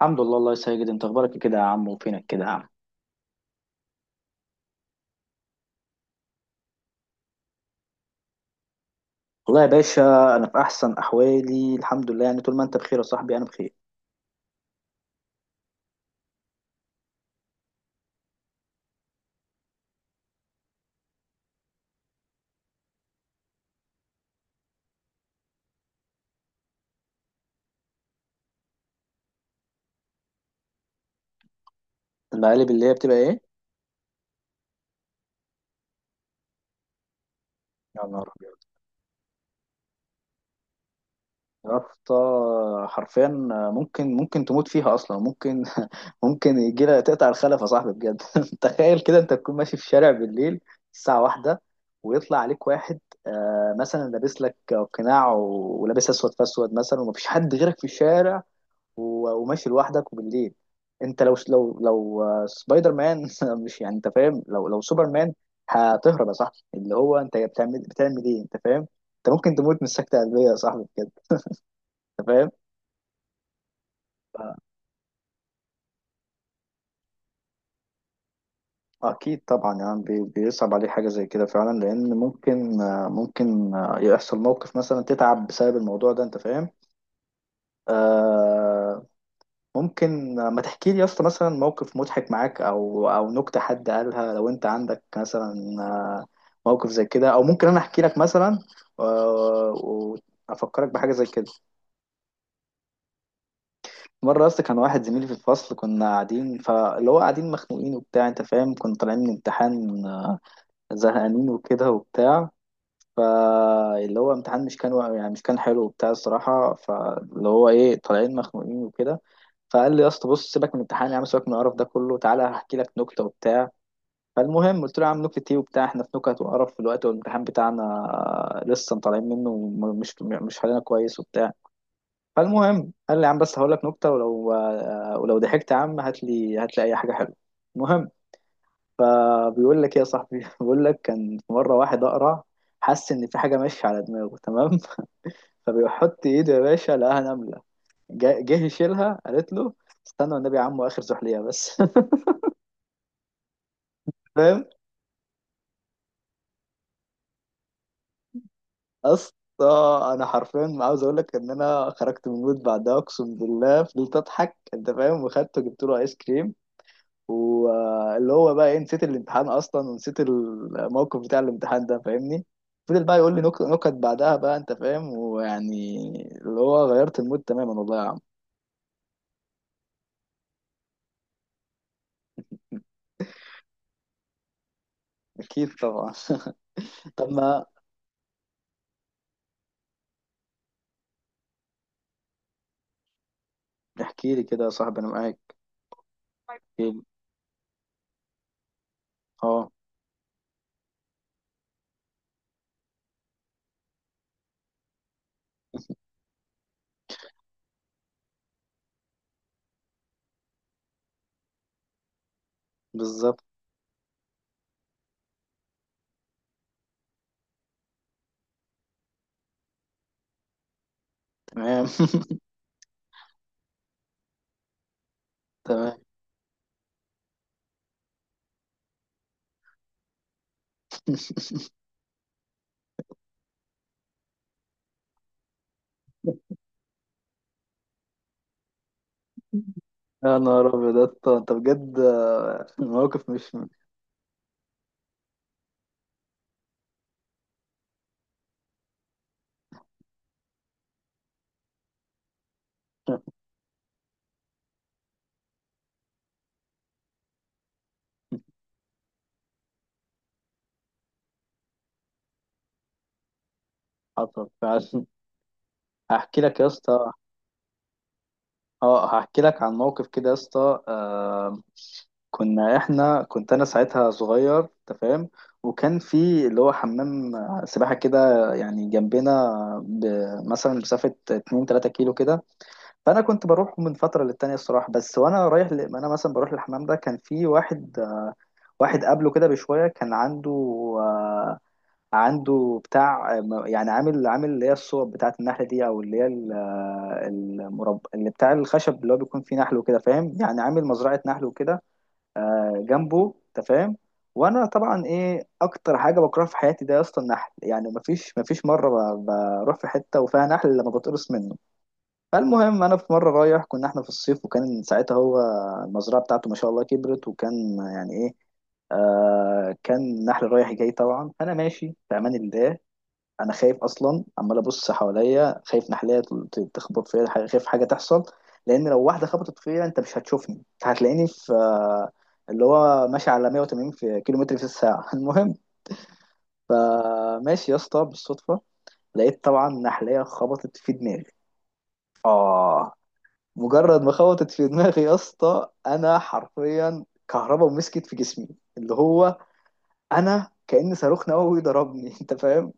الحمد لله. الله يسعدك، انت اخبارك إيه كده يا عم؟ وفينك كده يا عم؟ والله يا باشا، انا في احسن احوالي الحمد لله، يعني طول ما انت بخير يا صاحبي انا بخير. المقالب اللي هي بتبقى ايه؟ يا نهار ابيض يا اسطى، حرفيا ممكن تموت فيها اصلا. ممكن ممكن يجي لها تقطع الخلف يا صاحبي بجد. تخيل كده انت تكون ماشي في شارع بالليل، الساعه واحدة، ويطلع عليك واحد، مثلا لابس لك قناع ولابس اسود في اسود مثلا، ومفيش حد غيرك في الشارع، وماشي لوحدك وبالليل. انت لو سبايدر مان مش يعني، انت فاهم؟ لو سوبر مان هتهرب يا صاحبي، اللي هو انت بتعمل ايه؟ انت فاهم؟ انت ممكن تموت من سكتة قلبية يا صاحبي بجد. انت فاهم؟ اكيد طبعا، يعني بيصعب عليه حاجة زي كده فعلا، لان ممكن ممكن يحصل موقف مثلا تتعب بسبب الموضوع ده، انت فاهم؟ آه، ممكن ما تحكي لي يا اسطى مثلا موقف مضحك معاك، او نكته حد قالها لو انت عندك مثلا. آه، موقف زي كده، او ممكن انا احكي لك مثلا. آه، وافكرك بحاجه زي كده. مره يا اسطى كان واحد زميلي في الفصل، كنا قاعدين، فاللي هو قاعدين مخنوقين وبتاع، انت فاهم، كنا طالعين من امتحان، زهقانين وكده وبتاع. فاللي هو امتحان مش كان يعني مش كان حلو وبتاع الصراحة. فاللي هو ايه، طالعين مخنوقين وكده. فقال لي يا اسطى بص، سيبك من الامتحان يا عم، سيبك من القرف ده كله، تعالى هحكي لك نكتة وبتاع. فالمهم قلت له يا عم، نكتة ايه وبتاع؟ احنا في نكت وقرف في الوقت، والامتحان بتاعنا لسه طالعين منه، ومش مش حالنا كويس وبتاع. فالمهم قال لي يا عم، بس هقول لك نكتة، ولو ضحكت يا عم هات لي هات لي اي حاجة حلوة. المهم، فبيقول لك ايه يا صاحبي؟ بيقول لك، كان في مره واحد اقرع، حس ان في حاجه ماشيه على دماغه. تمام. فبيحط ايده يا باشا، لقاها نمله. جه يشيلها، قالت له استنى والنبي يا عم، اخر زحليقه بس. فاهم؟ اصلا انا حرفيا عاوز اقول لك ان انا خرجت من المود بعدها، اقسم بالله فضلت اضحك، انت فاهم، وخدته جبت له ايس كريم. واللي هو بقى ايه، نسيت الامتحان اصلا، ونسيت الموقف بتاع الامتحان ده، فاهمني. فضل بقى يقول لي نكت بعدها بقى، انت فاهم، ويعني اللي هو غيرت المود تماما والله يا عم. اكيد طبعا. طب ما احكي لي كده يا صاحبي، انا معاك. احكي لي. اه. بالظبط. تمام. تمام. يا نهار ابيض يا اسطى، انت بجد، الموقف مش حصل فعلا. هحكي لك يا اسطى. اه، هحكي لك عن موقف كده يا اسطى. كنا احنا، كنت انا ساعتها صغير تفهم، وكان في اللي هو حمام سباحة كده، يعني جنبنا، مثلا مسافة 2 3 كيلو كده. فانا كنت بروح من فترة للتانية الصراحة، بس وانا رايح ل... انا مثلا بروح للحمام ده كان في واحد، واحد قبله كده بشوية كان عنده، آه، عنده بتاع، يعني عامل اللي هي الصوب بتاعة النحلة دي، او اللي هي المرب اللي بتاع الخشب اللي هو بيكون فيه نحل وكده، فاهم؟ يعني عامل مزرعة نحل وكده، جنبه، انت فاهم؟ وانا طبعا ايه اكتر حاجه بكرهها في حياتي ده يا اسطى، النحل. يعني مفيش مره بروح في حته وفيها نحل لما بتقرص منه. فالمهم انا في مره رايح، كنا احنا في الصيف، وكان ساعتها هو المزرعه بتاعته ما شاء الله كبرت، وكان يعني ايه، آه، كان نحل رايح جاي طبعا. فانا ماشي في امان الله، انا خايف اصلا، عمال ابص حواليا، خايف نحلية تخبط فيا، خايف حاجه تحصل، لان لو واحده خبطت فيا انت مش هتشوفني، انت هتلاقيني في اللي هو ماشي على 180 في كيلو متر في الساعه. المهم، فماشي يا اسطى بالصدفه، لقيت طبعا نحلية خبطت في دماغي. اه. مجرد ما خبطت في دماغي يا اسطى، انا حرفيا كهربا ومسكت في جسمي، اللي هو انا كأن صاروخ نووي ضربني. انت فاهم؟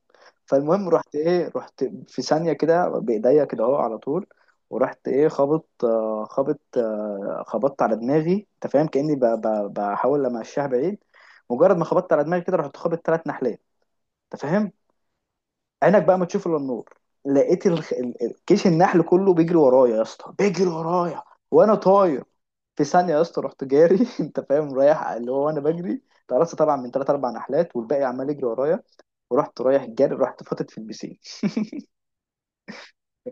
فالمهم رحت ايه، رحت في ثانية كده بإيديا كده اهو على طول، ورحت ايه خابط، خابط، خبطت على دماغي، انت فاهم، كأني بحاول امشيها بعيد. مجرد ما خبطت على دماغي كده رحت خابط ثلاث نحلات. انت فاهم؟ عينك بقى ما تشوف الا النور. لقيت كيش النحل كله بيجري ورايا يا اسطى، بيجري ورايا وانا طاير. في ثانية يا اسطى رحت جاري انت فاهم؟ رايح، اللي هو انا بجري، اتقرصت طبعا من ثلاث اربع نحلات، والباقي عمال يجري ورايا. ورحت رايح جاري، رحت فاتت في البسين.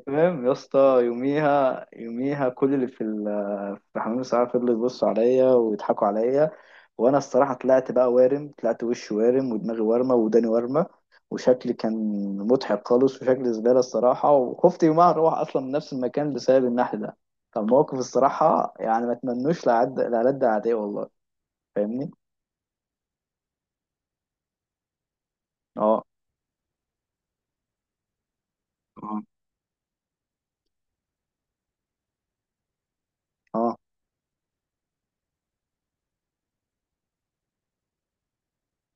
تمام يا اسطى. يوميها يوميها كل اللي في في حمام الساعه فضلوا يبصوا عليا ويضحكوا عليا. وانا الصراحه طلعت بقى وارم، طلعت وشي وارم ودماغي وارمه وداني وارمه، وشكلي كان مضحك خالص، وشكلي زباله الصراحه، وخفت يومها اروح اصلا من نفس المكان بسبب النحل ده. فالموقف الصراحه يعني ما اتمنوش لعد لعد اعدائي والله. فاهمني؟ اه. اه. اه.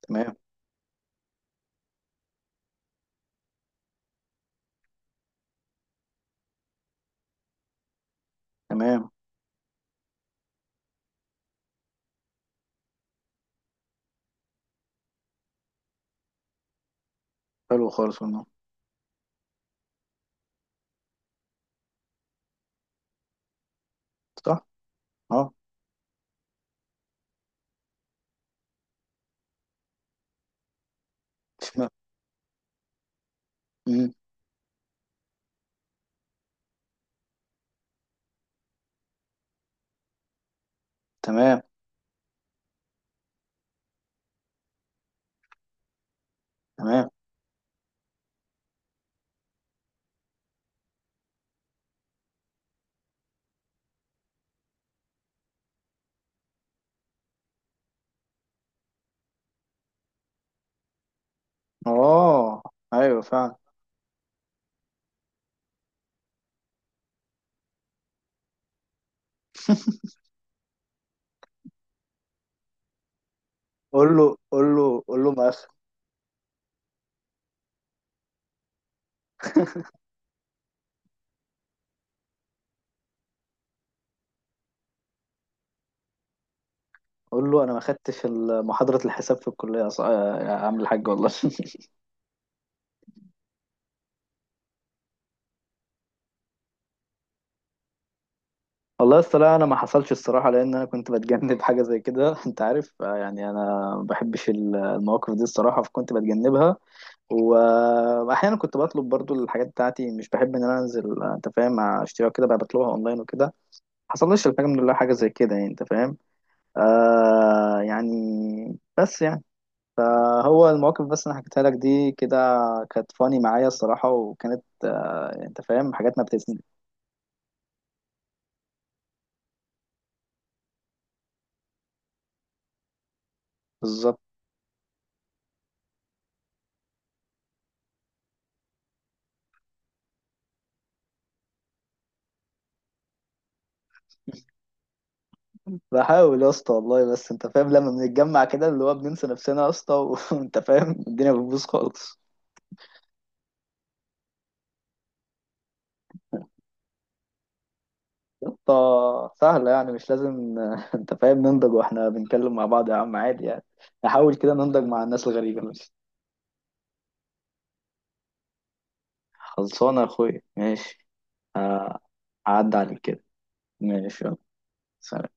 تمام. تمام. حلو خالص والله. صح. اه. تمام. مم، تمام. تمام. اه. ايوه فعلا. قول له قول له قول له ما أخ- قول له انا ما خدتش محاضره الحساب في الكليه يا يا عم الحاج، والله. والله اصل لا، انا ما حصلش الصراحه لان انا كنت بتجنب حاجه زي كده. انت عارف، يعني انا ما بحبش المواقف دي الصراحه، فكنت بتجنبها، واحيانا كنت بطلب برضو الحاجات بتاعتي، مش بحب ان انا انزل، انت فاهم، اشتريها كده بقى، بطلبها اونلاين وكده. ما حصلش الحمد لله حاجه زي كده، يعني انت فاهم. آه، يعني بس يعني، فهو المواقف بس اللي حكيتها لك دي كده كانت فاني معايا الصراحة، وكانت انت فاهم، حاجات ما بتزني. بالظبط. بحاول يا اسطى والله، بس انت فاهم لما بنتجمع كده اللي هو بننسى نفسنا يا اسطى. وانت فاهم الدنيا بتبوظ خالص. يا اسطى سهلة، يعني مش لازم انت فاهم ننضج واحنا بنتكلم مع بعض يا عم، عادي يعني. نحاول كده ننضج مع الناس الغريبة بس. خلصانة يا اخويا، ماشي. عدى عليك كده. ماشي يلا. سلام.